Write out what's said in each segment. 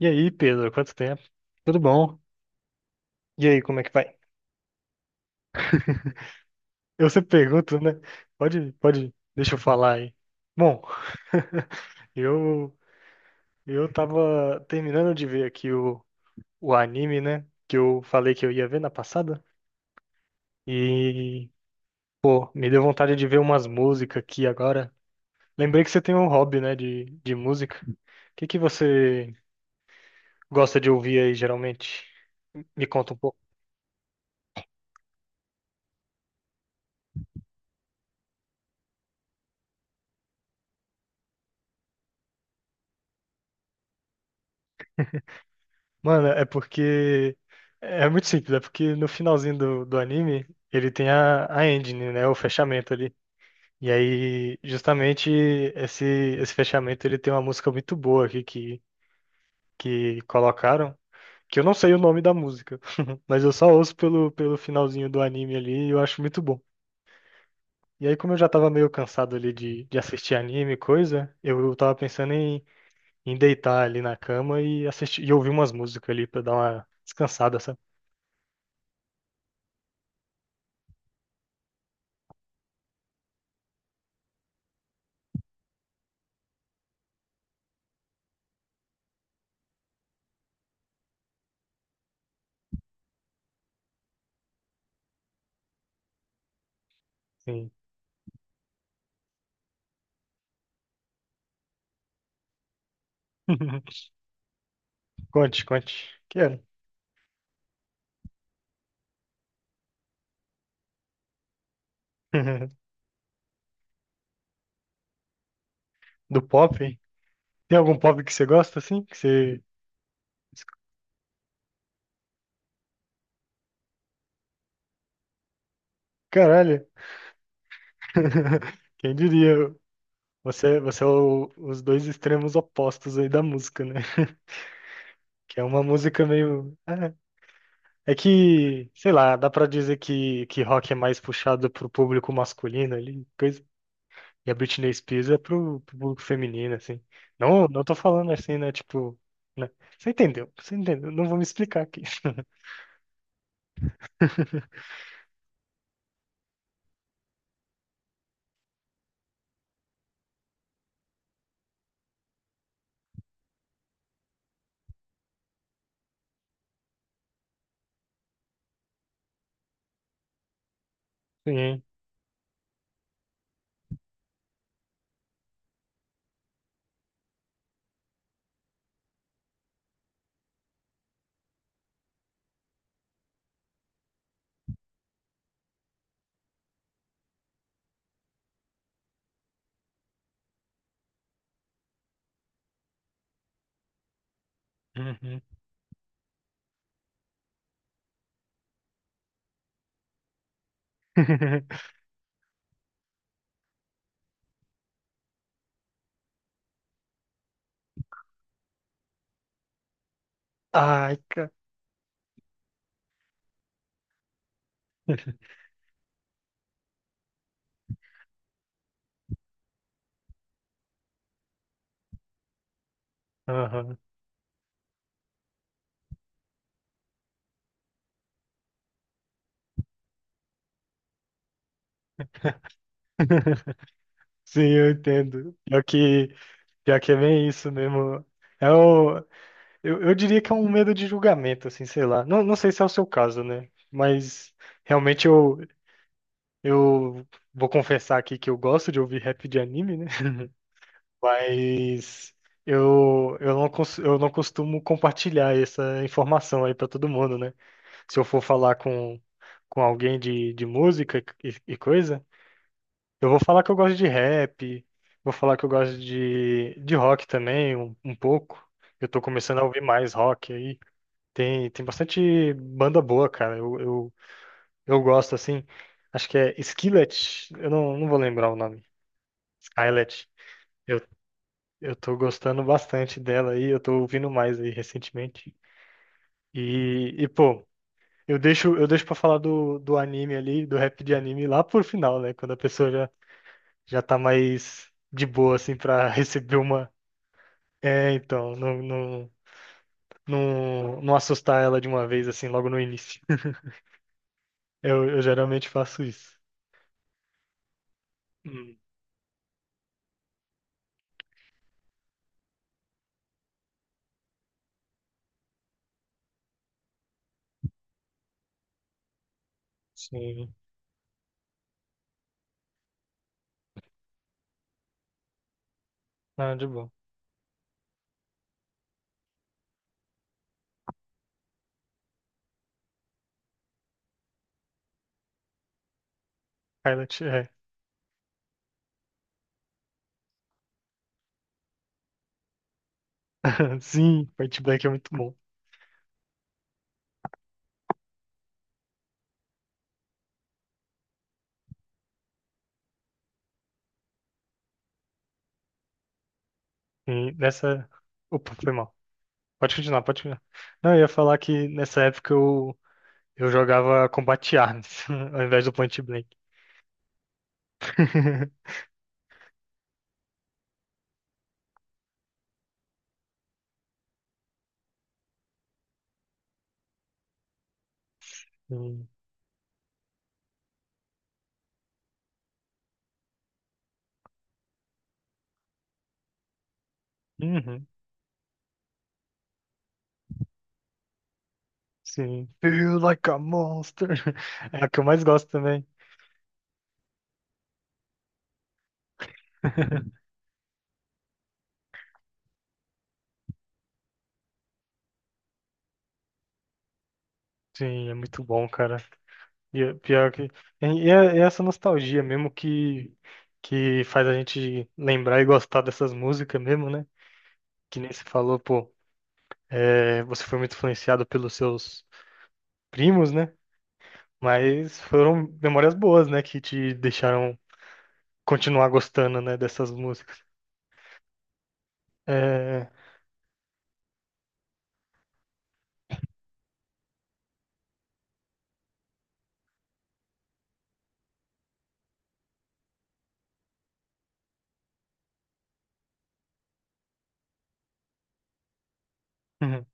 E aí, Pedro, quanto tempo? Tudo bom? E aí, como é que vai? Eu sempre pergunto, né? Pode, pode, deixa eu falar aí. Bom, eu eu tava terminando de ver aqui o anime, né? Que eu falei que eu ia ver na passada. E, pô, me deu vontade de ver umas músicas aqui agora. Lembrei que você tem um hobby, né, de música. O que que você gosta de ouvir aí, geralmente? Me conta um pouco. Mano, é porque. É muito simples, é porque no finalzinho do anime ele tem a ending, né? O fechamento ali. E aí, justamente, esse, esse fechamento ele tem uma música muito boa aqui que colocaram, que eu não sei o nome da música, mas eu só ouço pelo finalzinho do anime ali e eu acho muito bom. E aí, como eu já tava meio cansado ali de assistir anime e coisa, eu tava pensando em, em deitar ali na cama e assistir e ouvir umas músicas ali pra dar uma descansada, sabe? Conte, conte. Quero. Do pop? Tem algum pop que você gosta assim? Que você. Caralho. Quem diria? Você é o- os dois extremos opostos aí da música, né? Que é uma música meio. É, é que, sei lá, dá pra dizer que rock é mais puxado pro público masculino ali, coisa. E a Britney Spears é pro, pro público feminino, assim. Não, não tô falando assim, né? Tipo. Né? Você entendeu? Você entendeu? Não vou me explicar aqui. Sim. Uhum. Ai, cara. Aham. Sim, eu entendo. Pior que é bem isso mesmo. É o, eu diria que é um medo de julgamento, assim, sei lá. Não, não sei se é o seu caso, né? Mas realmente eu vou confessar aqui que eu gosto de ouvir rap de anime, né? Mas eu não, eu não costumo compartilhar essa informação aí pra todo mundo, né? Se eu for falar com alguém de música e coisa. Eu vou falar que eu gosto de rap, vou falar que eu gosto de rock também, um pouco. Eu tô começando a ouvir mais rock aí. Tem bastante banda boa, cara. Eu gosto, assim. Acho que é Skillet, eu não, não vou lembrar o nome. Skillet. Eu, eu tô gostando bastante dela aí, eu tô ouvindo mais aí recentemente. E pô, eu deixo pra falar do anime ali, do rap de anime lá por final, né? Quando a pessoa já, já tá mais de boa, assim, pra receber uma É, então, não assustar ela de uma vez, assim, logo no início. Eu geralmente faço isso. Hum, sim. Ah, de bom. Pilot, é. Sim, Point Blank é muito bom. E nessa. Opa, foi mal. Pode continuar, pode continuar. Não, eu ia falar que nessa época eu jogava Combat Arms, ao invés do Point Blank. Sim. Uhum, sim. Feel like a monster. É a que eu mais gosto também. Sim, é muito bom, cara. E é pior que. E é essa nostalgia mesmo que faz a gente lembrar e gostar dessas músicas mesmo, né? Que nem você falou, pô, é, você foi muito influenciado pelos seus primos, né? Mas foram memórias boas, né? Que te deixaram continuar gostando, né? Dessas músicas. É... Uhum.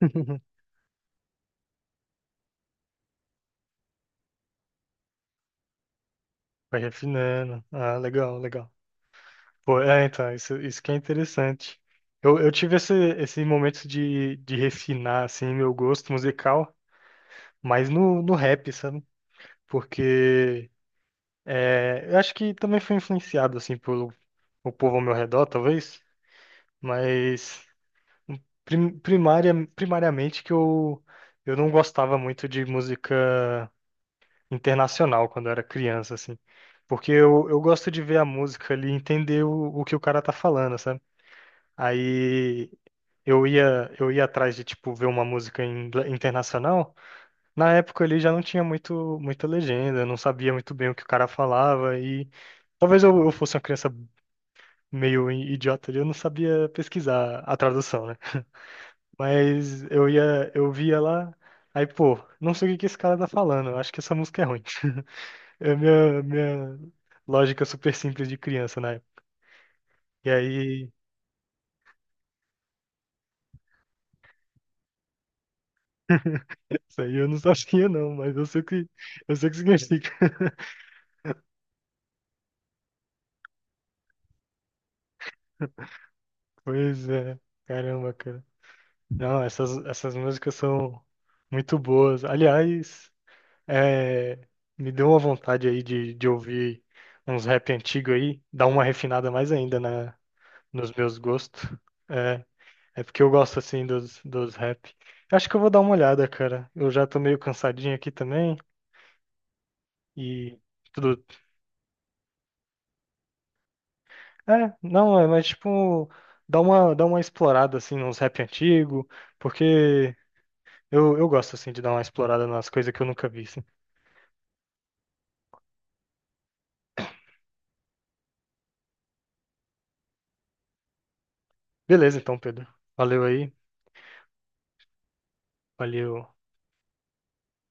Vai refinando. Ah, legal, legal. Pô, é, então, isso que é interessante. Eu tive esse, esse momento de refinar, assim, meu gosto musical. Mas no, no rap, sabe? Porque é, eu acho que também foi influenciado, assim, pelo o povo ao meu redor, talvez, mas primária, primariamente que eu não gostava muito de música internacional quando eu era criança, assim. Porque eu gosto de ver a música ali e entender o que o cara tá falando, sabe? Aí eu ia atrás de, tipo, ver uma música em internacional. Na época ele já não tinha muito, muita legenda, eu não sabia muito bem o que o cara falava e talvez eu fosse uma criança meio idiota, eu não sabia pesquisar a tradução, né? Mas eu ia, eu via lá, aí pô, não sei o que que esse cara tá falando, eu acho que essa música é ruim. É a minha, minha lógica super simples de criança, né? E aí, isso aí eu não sabia não, mas eu sei o que significa. Pois é, caramba, cara. Não, essas, essas músicas são muito boas. Aliás, é, me deu uma vontade aí de ouvir uns rap antigo aí, dar uma refinada mais ainda na, nos meus gostos. É, é porque eu gosto assim dos, dos rap. Eu acho que eu vou dar uma olhada, cara. Eu já tô meio cansadinho aqui também e tudo. É, não, é, mas tipo, dá uma explorada assim nos rap antigo, porque eu gosto assim de dar uma explorada nas coisas que eu nunca vi, assim. Beleza, então, Pedro. Valeu aí. Valeu.